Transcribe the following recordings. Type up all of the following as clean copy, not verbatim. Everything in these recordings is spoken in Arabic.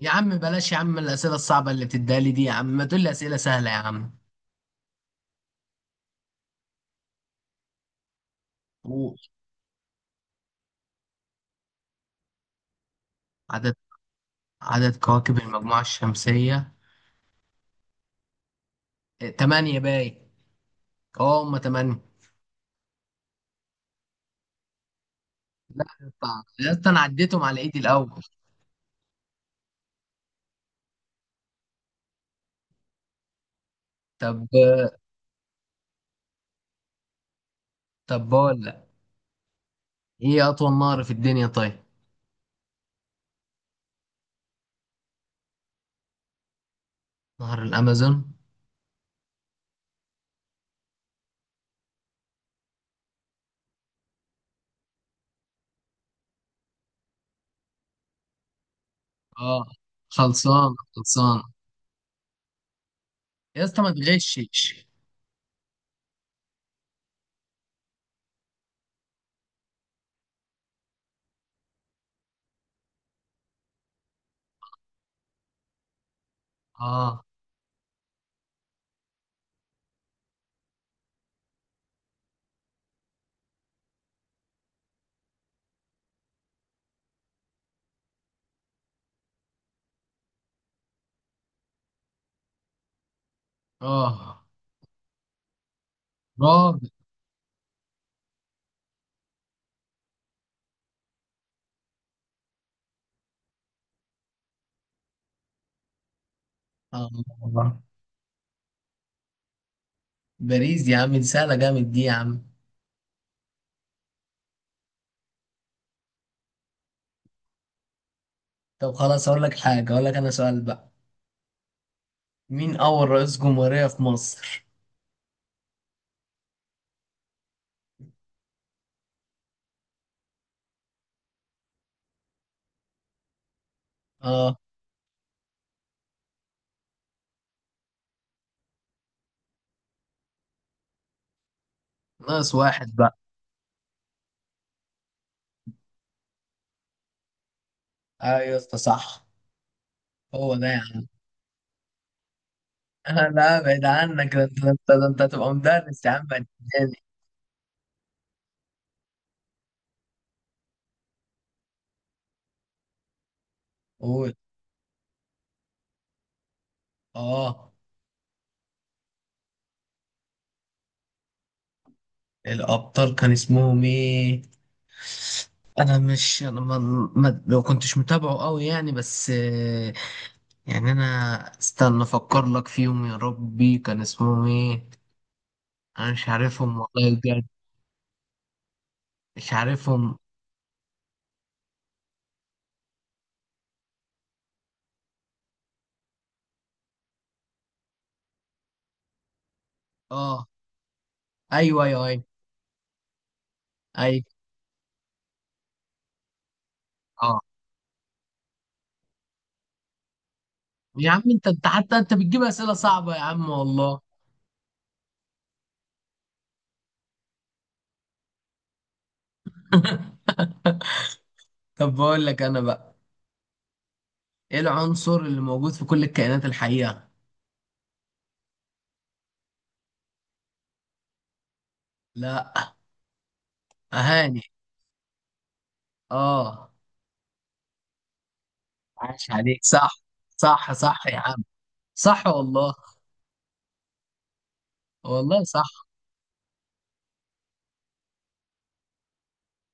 يا عم بلاش يا عم الأسئلة الصعبة اللي بتديها لي دي يا عم، ما تقول لي أسئلة سهلة يا عم. قول. عدد عدد كواكب المجموعة الشمسية. إيه، تمانية باي. اه، هما تمانية. لا يا اسطى يا اسطى، أنا عديتهم على إيدي الأول. طب طب بقول لك، إيه أطول نهر في الدنيا؟ طيب. نهر الأمازون. اه، خلصان خلصان. يا اسطى ما تغشش. اه. اه. رابع. آه. باريس يا عم، دي سهلة جامد دي يا عم. طب خلاص، أقول لك حاجة، أقول لك أنا سؤال بقى. مين أول رئيس جمهورية في مصر؟ آه. ناقص واحد بقى. أيوة أسطى، صح. هو ده يا عم. آه، لا بعيد عنك، ده أنت، ده أنت، ده أنت هتبقى مدرس يا عم هتديني. قول. آه، الأبطال كان اسمهم إيه؟ أنا مش، أنا ما كنتش متابعه أوي يعني، بس آه، يعني أنا استنى أفكر لك فيهم، يا ربي كان اسمهم إيه؟ أنا مش عارفهم والله بجد. مش عارفهم. آه، أيوه أيوه أيوه أيوه. آه. يا عم انت حتى انت بتجيب اسئله صعبه يا عم والله. طب بقول لك انا بقى، ايه العنصر اللي موجود في كل الكائنات الحيه؟ لا. اهاني. اه. عاش عليك، صح. صح صح يا عم، صح والله. والله صح.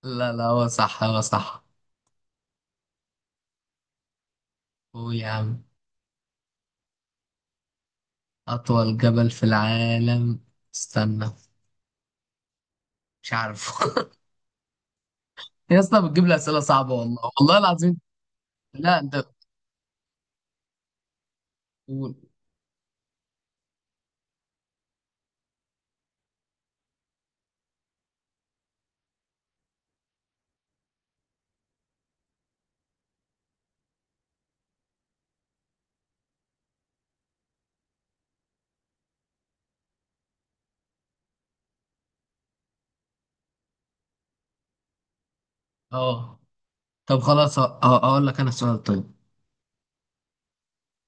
لا لا، هو صح، هو صح. هو يا عم، اطول جبل في العالم. استنى. مش عارف. يا اسطى بتجيب لي اسئله صعبه، والله والله العظيم. لا انت. قول. اه. طب خلاص، اه اقول لك انا سؤال طيب.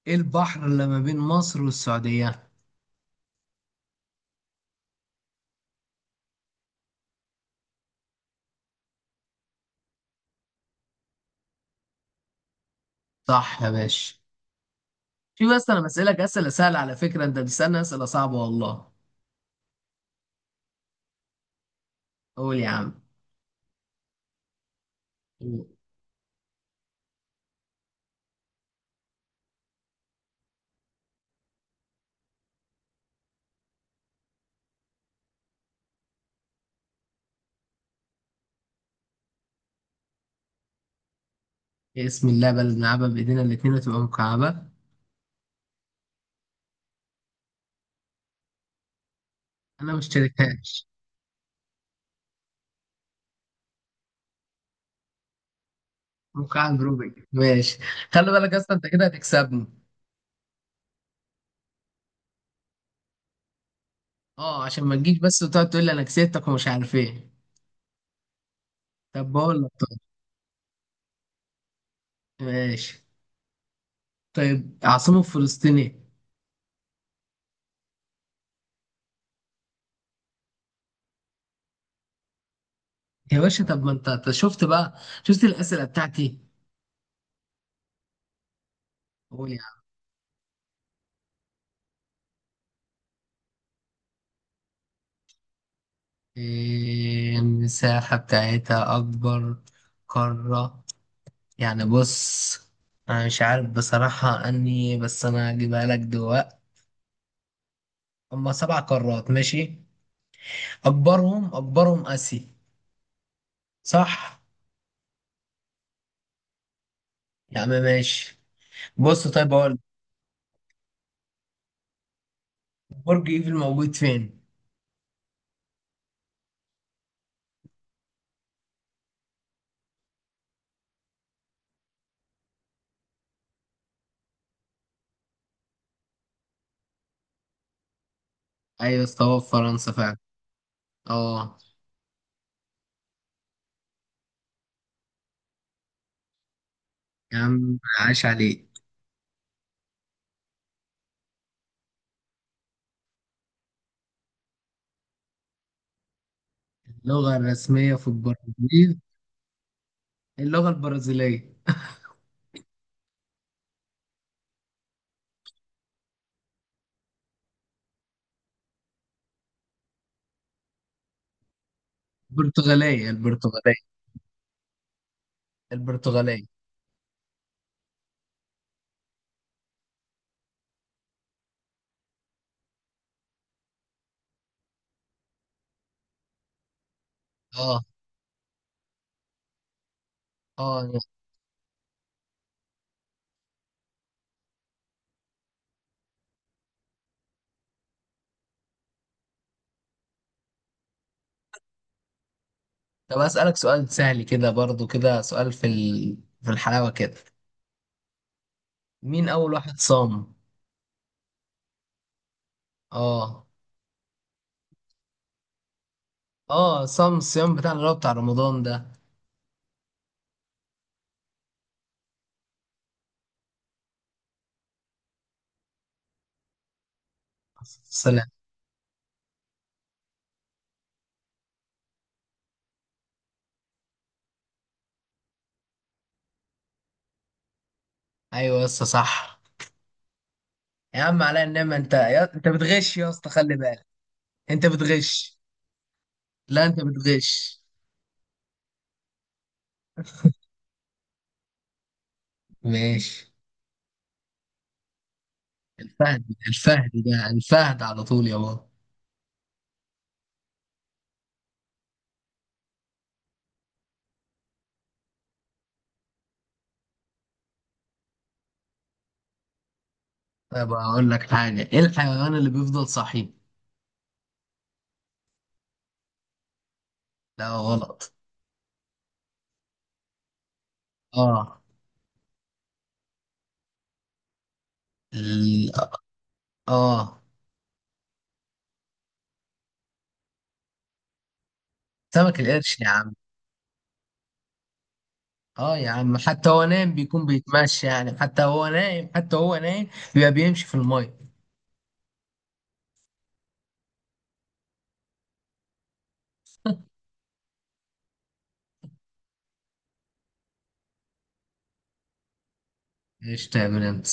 ايه البحر اللي ما بين مصر والسعودية؟ صح يا باشا. في، بس انا بسألك اسئلة سهلة على فكرة، انت بتسألني اسئلة صعبة والله. قول يا عم. بسم الله، بلد نلعبها بايدينا الاتنين وتبقى مكعبة. انا مش شاركهاش. مكعب روبيك، ماشي. خلي بالك، اصلا انت كده هتكسبني. اه، عشان ما تجيش بس وتقعد تقول لي انا كسبتك ومش عارف ايه. طب بقول لك، طيب ماشي. طيب، عاصمة فلسطين ايه؟ يا باشا، طب ما انت، أنت شفت بقى، شفت الاسئلة بتاعتي. قول. إيه، المساحة بتاعتها أكبر قارة؟ يعني بص، أنا مش عارف بصراحة، أني بس أنا هجيبها لك دلوقتي. هما سبع قارات، ماشي. أكبرهم أكبرهم آسيا. صح. يا عم ماشي. بص طيب، أقول لك، برج إيفل موجود فين؟ أيوة استوى، في فرنسا فعلا. أه. يا عم عاش عليك. اللغة الرسمية في البرازيل. اللغة البرازيلية. البرتغالية، البرتغالية، البرتغالية. أه. اه، طب أسألك سؤال سهل كده، برضو كده سؤال في في الحلاوة كده، مين أول واحد صام؟ آه. آه، صام الصيام بتاع اللي هو بتاع رمضان ده. السلام. أيوة يا اسطى، صح. يا عم عليا النعمة، أنت أنت بتغش يا اسطى، خلي بالك. أنت بتغش. لا، أنت بتغش. ماشي. الفهد، الفهد ده، الفهد على طول يا بابا. طيب أقول لك حاجة، إيه الحيوان اللي بيفضل صحي؟ لا غلط. آه ال... آه سمك القرش يا عم. اه يا عم، حتى هو نايم بيكون بيتمشى يعني، حتى هو نايم، حتى هو نايم، بيبقى بيمشي في المية. ايش تعمل انت؟